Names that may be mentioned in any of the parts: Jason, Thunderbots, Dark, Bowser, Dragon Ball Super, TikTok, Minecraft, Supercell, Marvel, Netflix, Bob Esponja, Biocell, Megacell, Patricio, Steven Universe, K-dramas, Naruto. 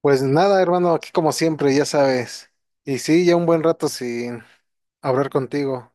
Pues nada, hermano, aquí como siempre, ya sabes. Y sí, ya un buen rato sin hablar contigo.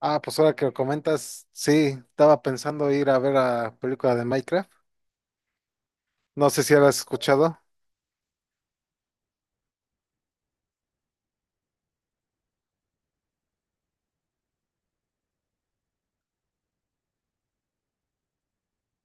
Ah, pues ahora que lo comentas, sí, estaba pensando ir a ver la película de Minecraft. No sé si la has escuchado.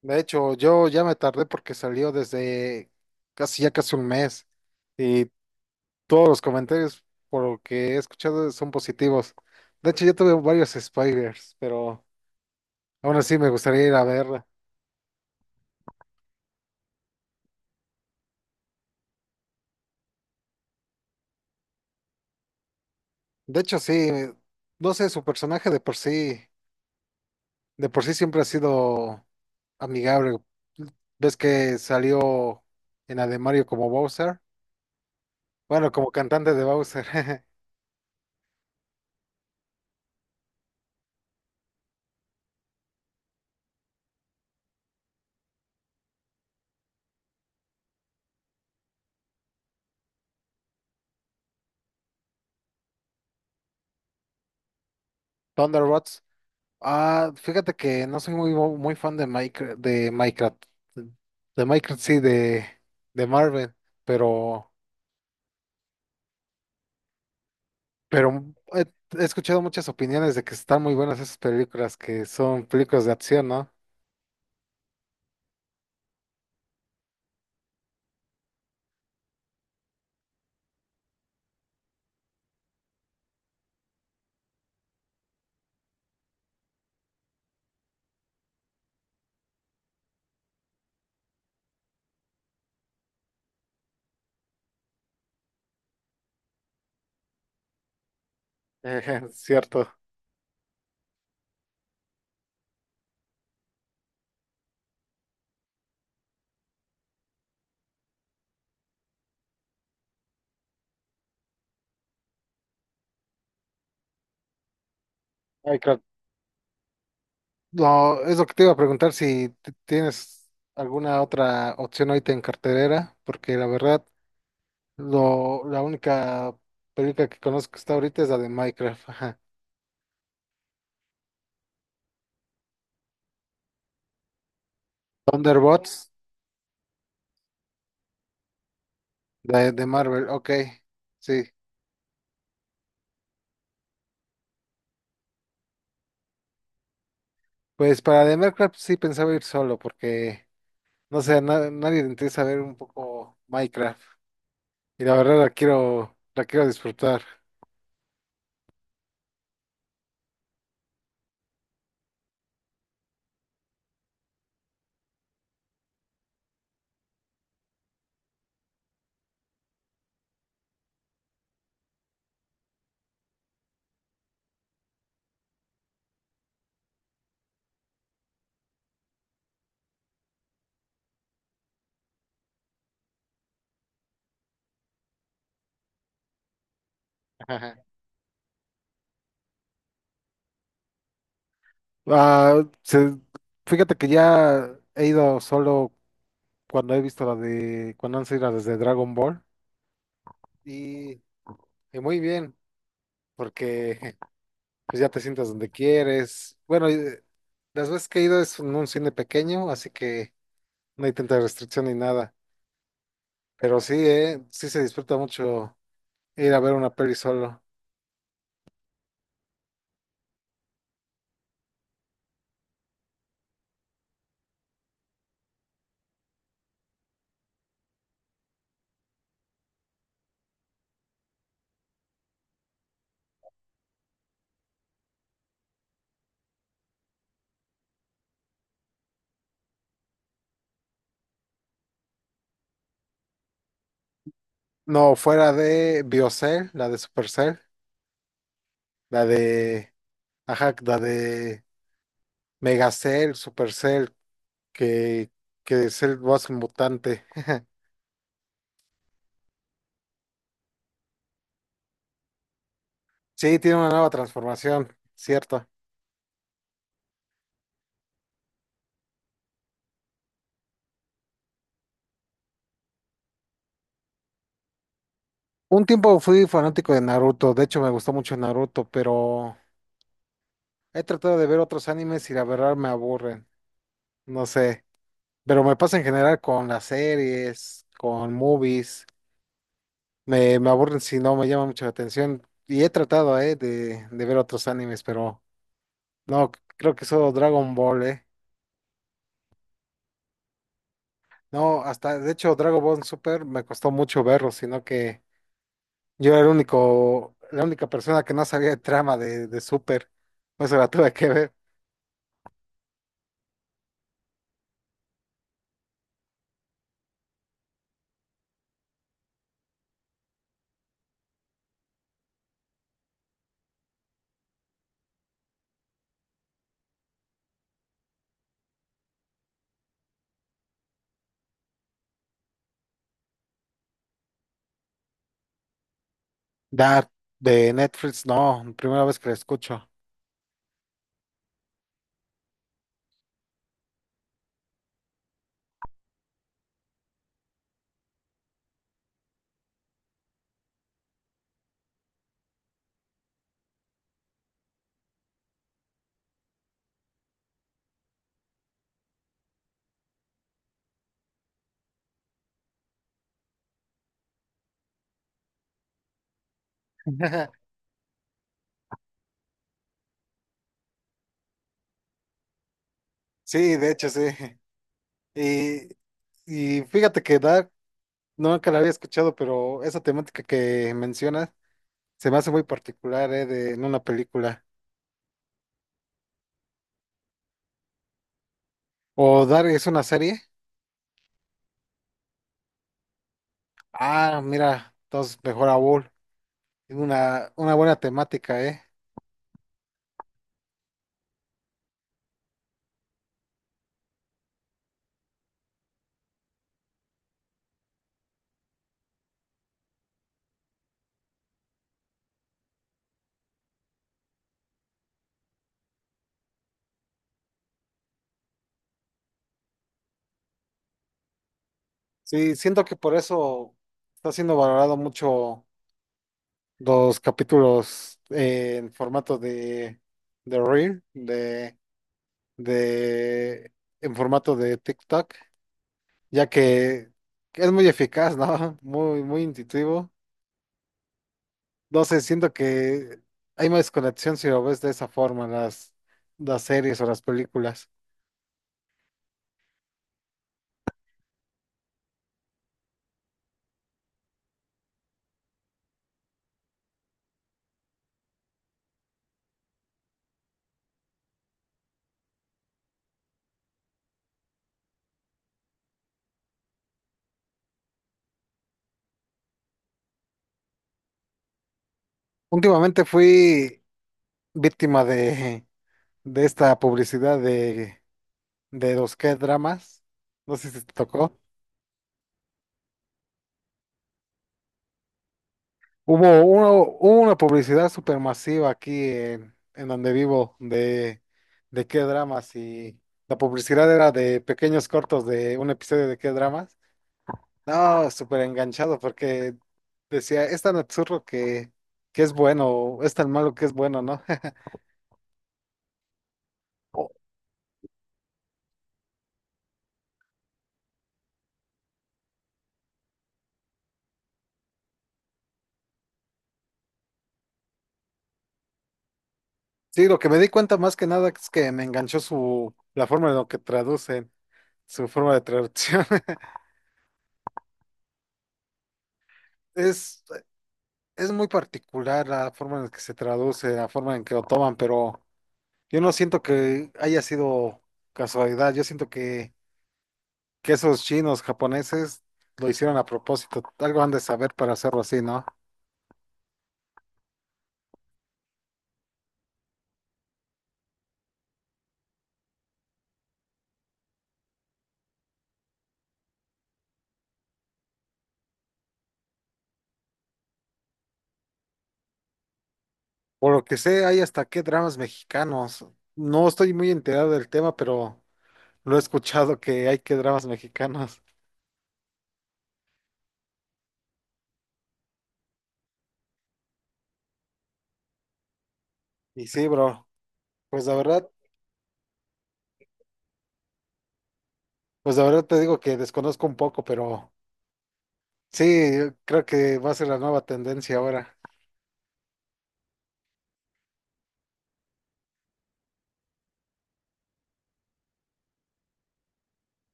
De hecho, yo ya me tardé porque salió desde casi ya casi un mes. Y todos los comentarios, por lo que he escuchado, son positivos. De hecho, yo tuve varios spoilers, pero aún así me gustaría ir a verla. De hecho, sí, no sé, su personaje de por sí. De por sí siempre ha sido amigable. ¿Ves que salió en Ademario como Bowser? Bueno, como cantante de Bowser. Thunder, ah, fíjate que no soy muy, muy fan de Minecraft. De Minecraft, sí, de Marvel. Pero, pero he, he escuchado muchas opiniones de que están muy buenas esas películas, que son películas de acción, ¿no? Cierto. Minecraft. No, es lo que te iba a preguntar si tienes alguna otra opción ahorita en cartelera, porque la verdad, la única película que conozco que está ahorita es la de Minecraft. Ajá. Thunderbots de Marvel, ok, sí. Pues para de Minecraft sí pensaba ir solo, porque no sé, a nadie le interesa ver un poco Minecraft. Y la verdad la quiero disfrutar. Ajá. Ah, se- Fíjate que ya he ido solo cuando he visto cuando han sido las desde Dragon Ball y, y muy bien, porque pues ya te sientas donde quieres. Bueno, y, las veces que he ido es en un cine pequeño, así que no hay tanta restricción ni nada, pero sí, sí se disfruta mucho ir a ver una peli solo. No, fuera de Biocell, la de Supercell, la de, ajá, la de Megacell, Supercell, que, que es el boss mutante. Sí, tiene una nueva transformación, cierto. Un tiempo fui fanático de Naruto, de hecho me gustó mucho Naruto, pero he tratado de ver otros animes y la verdad me aburren, no sé, pero me pasa en general con las series, con movies, me aburren si no me llama mucho la atención y he tratado, de ver otros animes, pero no, creo que solo Dragon Ball, eh. No, hasta, de hecho Dragon Ball Super me costó mucho verlo, sino que yo era el único, la única persona que no sabía de trama de Super, por eso la tuve que ver. Dark de Netflix, no, primera vez que la escucho. Sí, de hecho, sí. Y, y fíjate que Dark nunca la había escuchado, pero esa temática que mencionas se me hace muy particular, ¿eh? De, en una película. ¿O Dark es una serie? Ah, mira, entonces mejor aún. Tiene una buena temática, ¿eh? Sí, siento que por eso está siendo valorado mucho los capítulos en formato de Reel, de en formato de TikTok, ya que es muy eficaz, ¿no? Muy, muy intuitivo. No sé, siento que hay más conexión si lo ves de esa forma, las series o las películas. Últimamente fui víctima de esta publicidad de los K-dramas. No sé si te tocó. Hubo una publicidad supermasiva aquí en donde vivo de qué dramas y la publicidad era de pequeños cortos de un episodio de qué dramas. No, súper enganchado porque decía, es tan absurdo que es bueno, es tan malo que es bueno, ¿no? O- Sí, lo que me di cuenta más que nada es que me enganchó su, la forma en lo que traducen, su forma de traducción. Es, es muy particular la forma en la que se traduce, la forma en que lo toman, pero... Yo no siento que haya sido casualidad, yo siento que esos chinos japoneses lo hicieron a propósito, algo han de saber para hacerlo así, ¿no? Por lo que sé, hay hasta qué dramas mexicanos. No estoy muy enterado del tema, pero lo he escuchado que hay que dramas mexicanos. Y sí, bro, pues la verdad, pues la verdad te digo que desconozco un poco, pero sí, creo que va a ser la nueva tendencia ahora.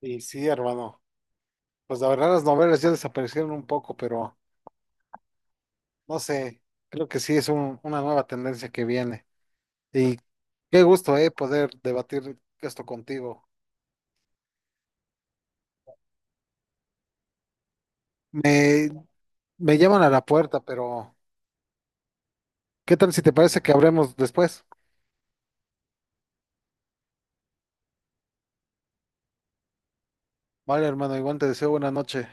Y sí, hermano, pues la verdad las novelas ya desaparecieron un poco, pero... No sé, creo que sí es una nueva tendencia que viene. Y qué gusto, poder debatir esto contigo. Me, Me llaman a la puerta, pero ¿qué tal si te parece que hablemos después? Vale, hermano, igual te deseo buena noche.